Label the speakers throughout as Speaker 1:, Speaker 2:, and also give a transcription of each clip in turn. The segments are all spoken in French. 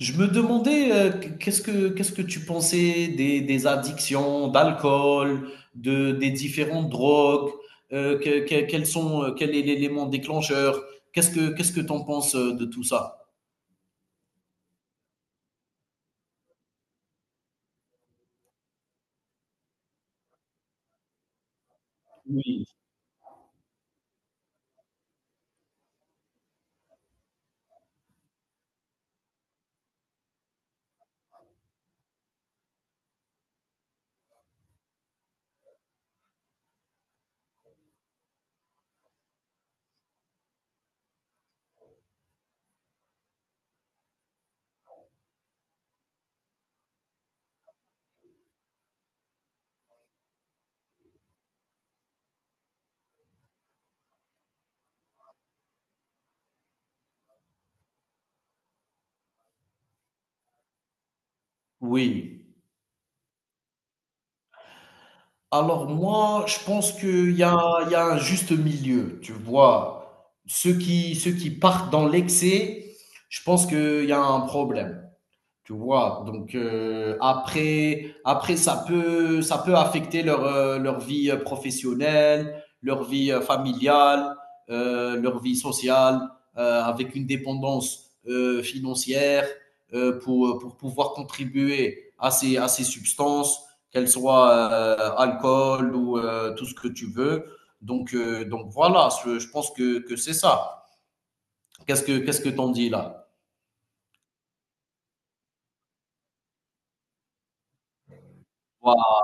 Speaker 1: Je me demandais, qu'est-ce que tu pensais des addictions, d'alcool, des différentes drogues, quels sont, quel est l'élément déclencheur? Qu'est-ce que tu en penses de tout ça? Oui. Oui. Alors moi, je pense il y a un juste milieu, tu vois. Ceux qui partent dans l'excès, je pense qu'il y a un problème. Tu vois? Donc après ça peut affecter leur vie, professionnelle, leur vie, familiale, leur vie sociale, avec une dépendance, financière, pour pouvoir contribuer à ces substances, qu'elles soient, alcool ou, tout ce que tu veux. Donc voilà, ce je pense que c'est ça. Qu'est-ce que t'en dis là? Voilà.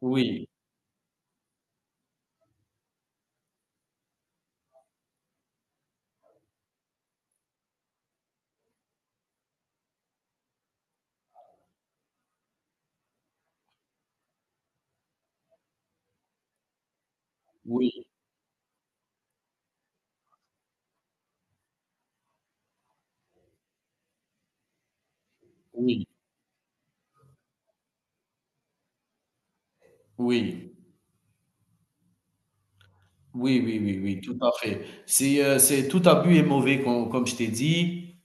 Speaker 1: Oui, oui, oui, oui. Oui, oui, oui, oui, tout à fait. C'est tout abus est mauvais comme je t'ai dit.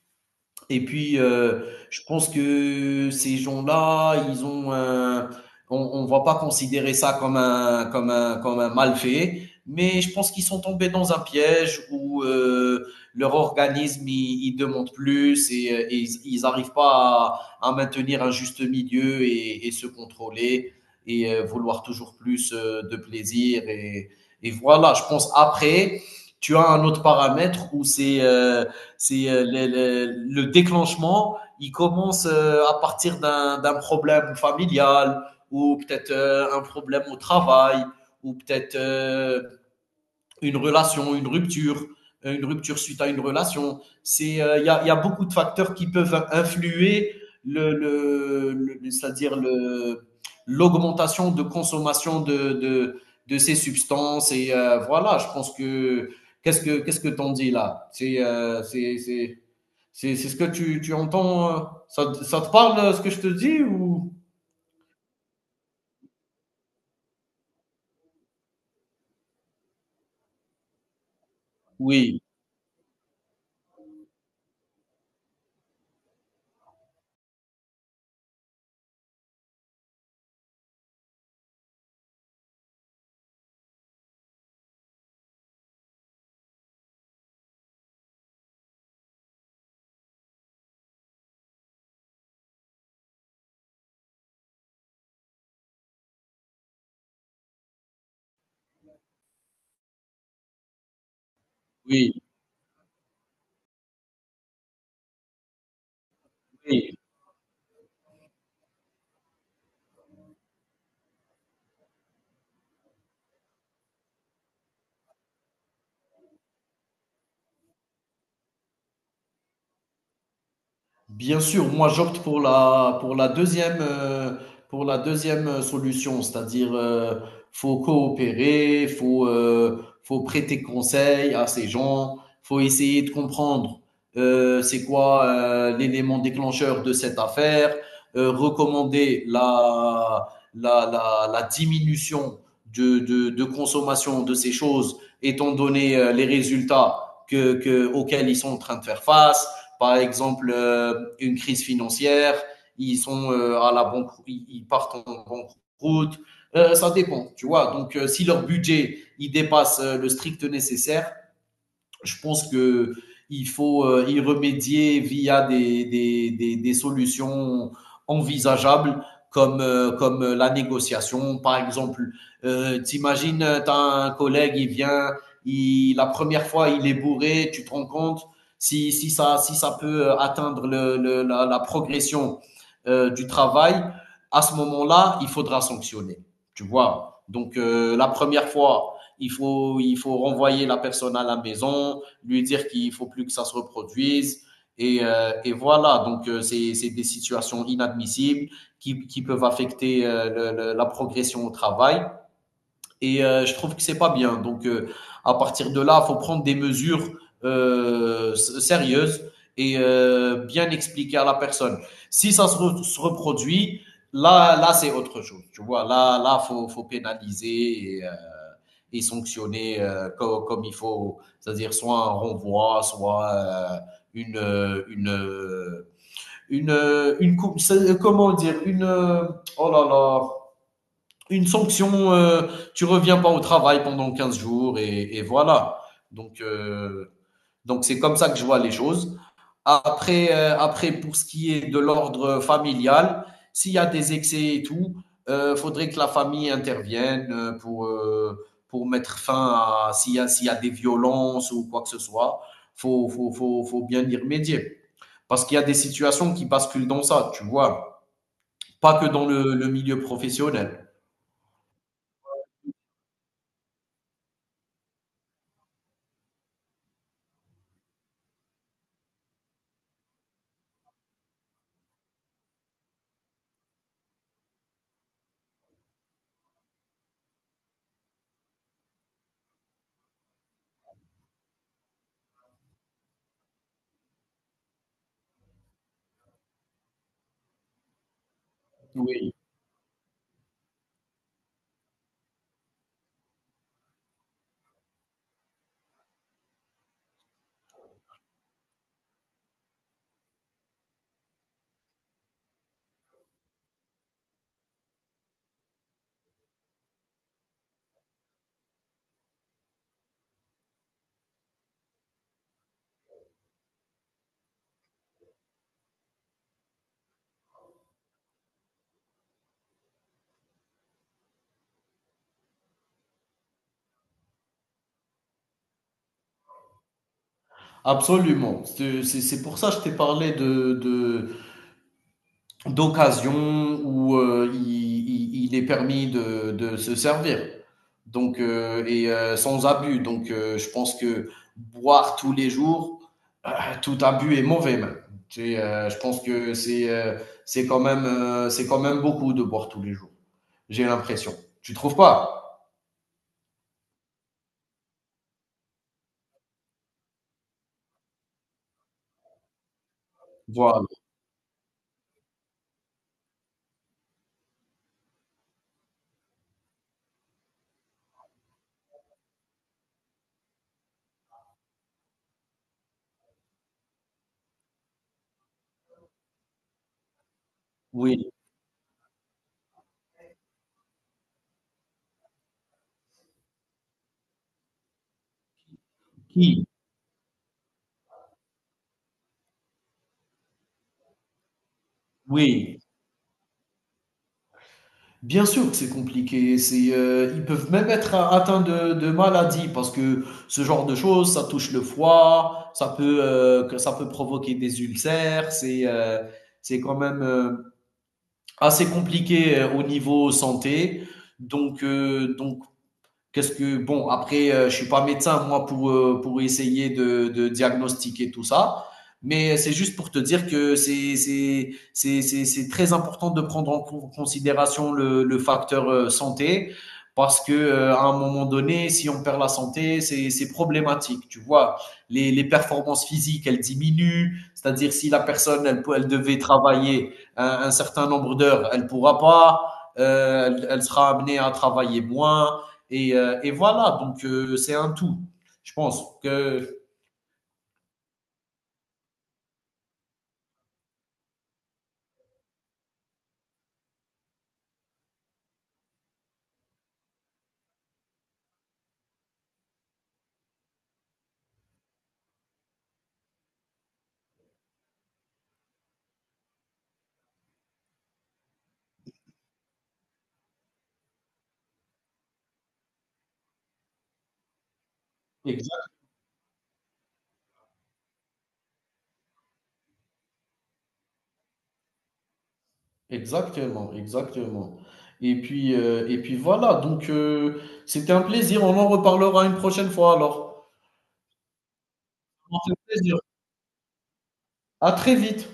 Speaker 1: Et puis, je pense que ces gens-là, on ne va pas considérer ça comme un mal fait, mais je pense qu'ils sont tombés dans un piège où leur organisme, il demande plus et ils n'arrivent pas à, à maintenir un juste milieu et se contrôler et vouloir toujours plus de plaisir. Et voilà, je pense après, tu as un autre paramètre où c'est le déclenchement, il commence à partir d'un problème familial ou peut-être un problème au travail ou peut-être une relation, une rupture suite à une relation. C'est il y, a, y a beaucoup de facteurs qui peuvent influer le c'est-à-dire le l'augmentation de consommation de ces substances et voilà. Je pense que qu'est-ce que t'en dis là? C'est c'est ce que tu entends. Ça, ça te parle ce que je te dis, ou? Oui, oui, oui. Bien sûr, moi j'opte pour la deuxième, pour la deuxième solution, c'est-à-dire faut coopérer, faut prêter conseil à ces gens, faut essayer de comprendre c'est quoi l'élément déclencheur de cette affaire, recommander la diminution de consommation de ces choses étant donné les résultats auxquels ils sont en train de faire face, par exemple, une crise financière, ils sont à la banque, ils partent en banqueroute. Ça dépend, tu vois. Donc, si leur budget il dépasse le strict nécessaire, je pense que il faut y remédier via des solutions envisageables comme, comme la négociation. Par exemple, t'imagines, tu as un collègue, il vient, la première fois, il est bourré, tu te rends compte si ça peut atteindre la progression du travail, à ce moment-là, il faudra sanctionner. Tu vois? Donc, la première fois, il faut renvoyer la personne à la maison, lui dire qu'il ne faut plus que ça se reproduise. Et voilà, donc c'est des situations inadmissibles qui peuvent affecter la progression au travail. Et je trouve que c'est pas bien. Donc à partir de là, il faut prendre des mesures euh, sérieuses et bien expliquer à la personne. Si ça se reproduit, là c'est autre chose. Tu vois, là faut pénaliser. Et sanctionner comme il faut, c'est-à-dire soit un renvoi, soit une, euh, une, euh, une, comment dire, oh là là, une sanction, tu reviens pas au travail pendant 15 jours et voilà. Donc, euh, donc c'est comme ça que je vois les choses. Après, pour ce qui est de l'ordre familial, s'il y a des excès et tout, il faudrait que la famille intervienne pour mettre fin à s'il y a des violences ou quoi que ce soit. Il faut bien y remédier. Parce qu'il y a des situations qui basculent dans ça, tu vois. Pas que dans le milieu professionnel. Oui, absolument. C'est pour ça que je t'ai parlé de, d'occasion où il est permis de se servir. Donc, sans abus. Donc, je pense que boire tous les jours, euh, tout abus est mauvais même. Tu Je pense que c'est quand même beaucoup de boire tous les jours. J'ai l'impression. Tu trouves pas? Voilà. Oui. Qui? Oui. Bien sûr que c'est compliqué. C'est, ils peuvent même atteints de maladies parce que ce genre de choses, ça touche le foie, ça peut, ça peut provoquer des ulcères. C'est quand même assez compliqué au niveau santé. Donc qu'est-ce que bon après je suis pas médecin moi pour essayer de diagnostiquer tout ça, mais c'est juste pour te dire que c'est très important de prendre en considération le facteur santé, parce que à un moment donné, si on perd la santé, c'est problématique, tu vois. Les performances physiques, elles diminuent, c'est-à-dire si la personne, elle devait travailler un certain nombre d'heures, elle pourra pas, elle sera amenée à travailler moins et voilà, donc c'est un tout. Je pense que. Exact- Exactement, exactement. Et puis voilà, donc c'était un plaisir, on en reparlera une prochaine fois alors. Ça m'a fait plaisir. À très vite.